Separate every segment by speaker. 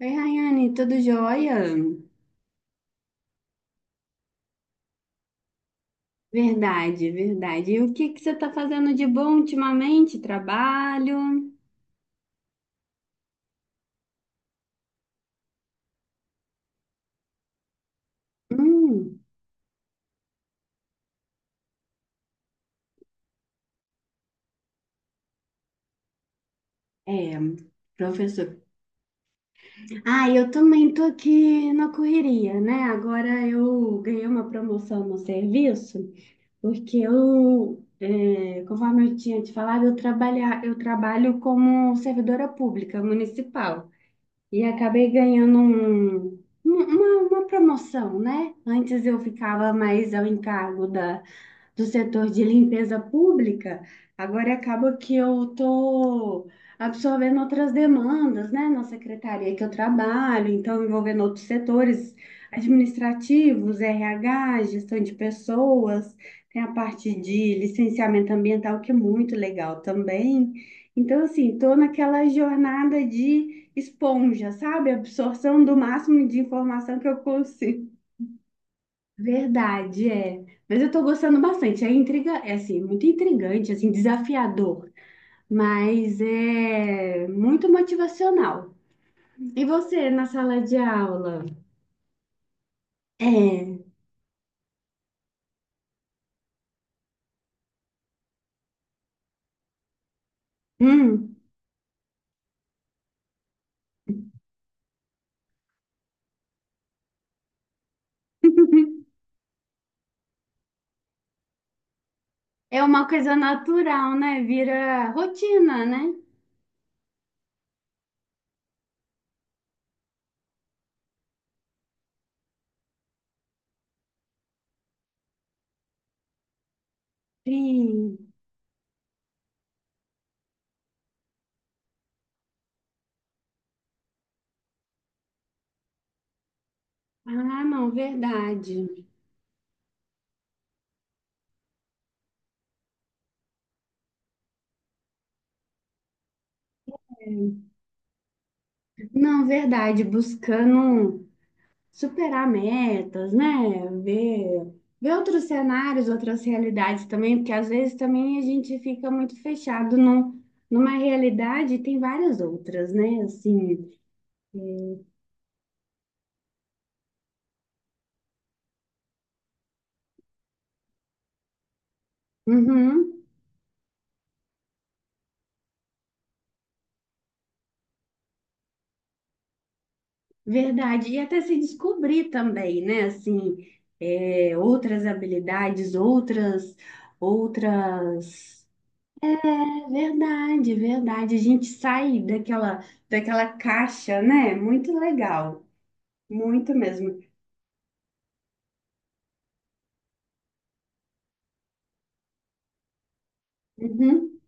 Speaker 1: Oi, Rayane, tudo jóia? Verdade. E o que que você está fazendo de bom ultimamente? Trabalho? Hum, é, professor. Ah, eu também tô aqui na correria, né? Agora eu ganhei uma promoção no serviço, porque conforme eu tinha te falado, eu trabalho como servidora pública municipal. E acabei ganhando uma promoção, né? Antes eu ficava mais ao encargo da do setor de limpeza pública, agora acaba que eu estou absorvendo outras demandas, né, na secretaria que eu trabalho, então envolvendo outros setores administrativos, RH, gestão de pessoas, tem a parte de licenciamento ambiental, que é muito legal também. Então, assim, estou naquela jornada de esponja, sabe? Absorção do máximo de informação que eu consigo. Verdade, é. Mas eu tô gostando bastante. É intriga, é assim, muito intrigante, assim, desafiador, mas é muito motivacional. E você, na sala de aula? É. Hum. É uma coisa natural, né? Vira rotina, né? Sim. Ah, não, verdade. Não, verdade. Buscando. Um superar metas, né? Ver, ver outros cenários, outras realidades também, porque às vezes também a gente fica muito fechado numa realidade e tem várias outras, né? Assim, uhum, verdade. E até se descobrir também, né? Assim, é, outras habilidades, outras, outras. É verdade. A gente sai daquela caixa, né? Muito legal, muito mesmo. Uhum,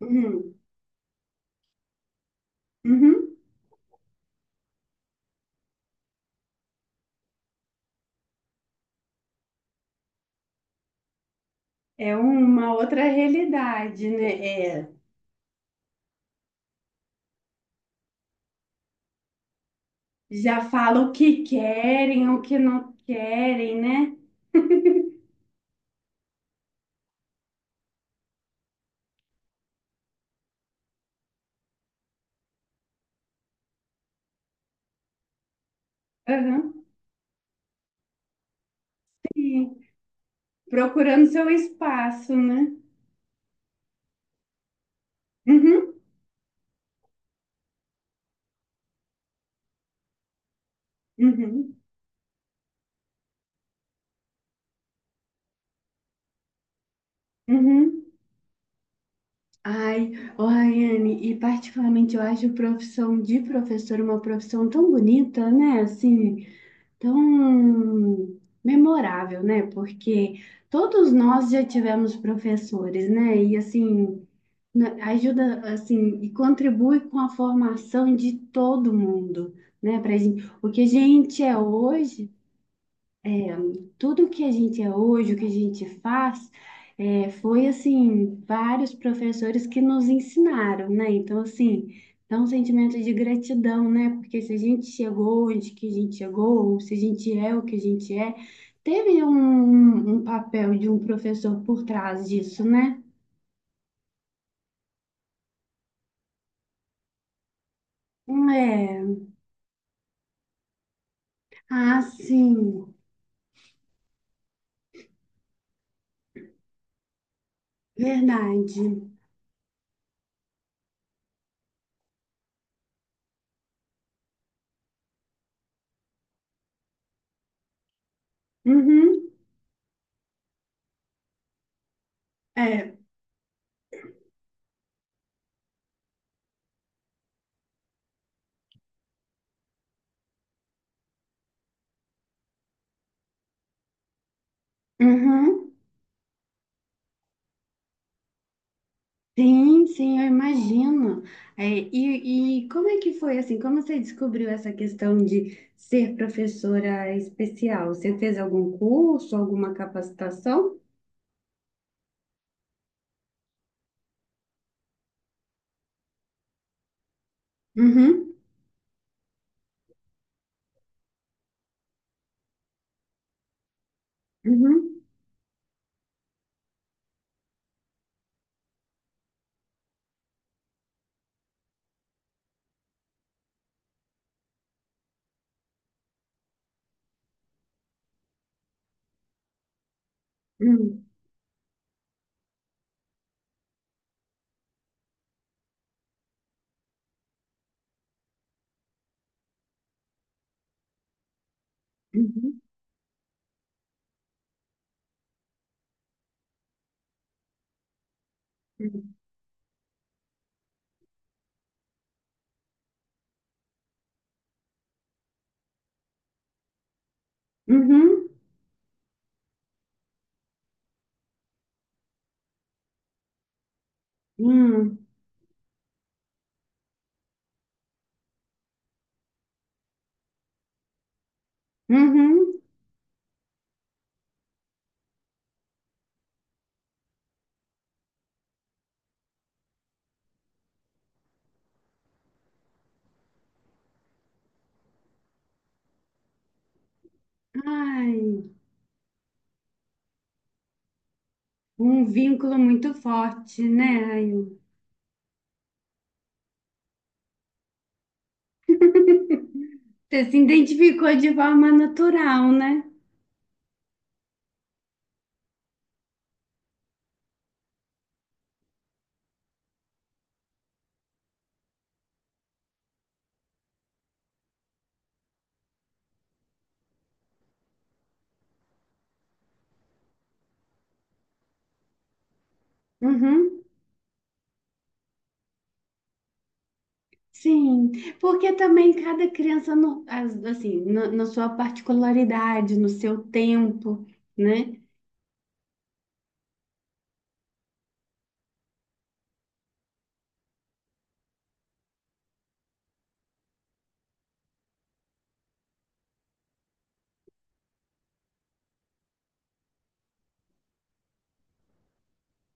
Speaker 1: uhum. Uhum. É uma outra realidade, né? É, já fala o que querem, o que não querem, né? Aham. E procurando seu espaço, né? Uhum, uhum, uhum. Ai, ô Rayane, e particularmente eu acho a profissão de professor uma profissão tão bonita, né? Assim, tão memorável, né? Porque todos nós já tivemos professores, né? E assim, né, ajuda assim e contribui com a formação de todo mundo, né? Para gente, o que a gente é hoje, tudo que a gente é hoje, o que a gente faz, é, foi assim vários professores que nos ensinaram, né? Então assim dá um sentimento de gratidão, né? Porque se a gente chegou onde que a gente chegou, ou se a gente é o que a gente é, teve um um papel de um professor por trás disso, né? Então, é. Ah, sim. Verdade. Uhum. É. Uhum. Sim, sim, eu imagino. É, e como é que foi assim? Como você descobriu essa questão de ser professora especial? Você fez algum curso, alguma capacitação? Uhum. Uhum. Uhum. Uhum. Uhum. Uhum. Uhum. Ai, um vínculo muito forte, né? Ai, você se identificou de forma natural, né? Uhum. Sim, porque também cada criança, assim, na sua particularidade, no seu tempo, né?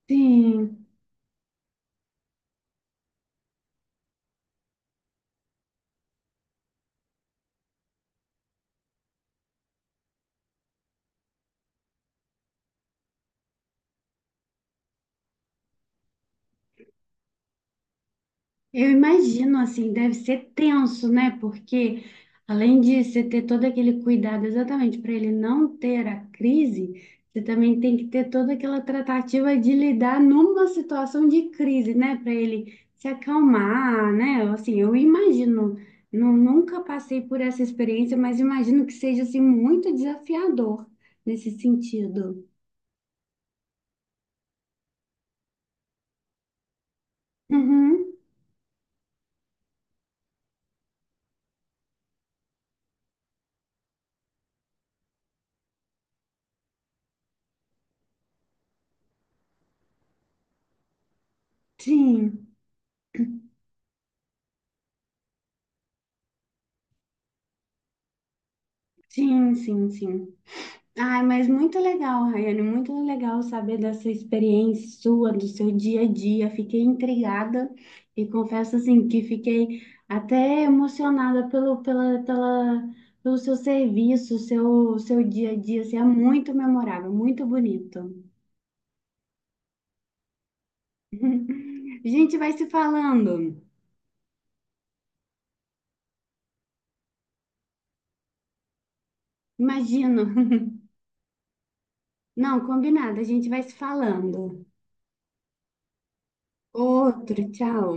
Speaker 1: Sim. Eu imagino, assim, deve ser tenso, né? Porque além de você ter todo aquele cuidado exatamente para ele não ter a crise, você também tem que ter toda aquela tratativa de lidar numa situação de crise, né? Para ele se acalmar, né? Assim, eu imagino, nunca passei por essa experiência, mas imagino que seja, assim, muito desafiador nesse sentido. Uhum. Sim, sim, sim, sim. Ai, mas muito legal, Rayane, muito legal saber dessa experiência sua, do seu dia a dia. Fiquei intrigada e confesso assim que fiquei até emocionada pelo seu serviço, seu dia a dia. Assim, é muito memorável, muito bonito. A gente vai se falando, imagino. Não, combinado, a gente vai se falando. Outro, tchau.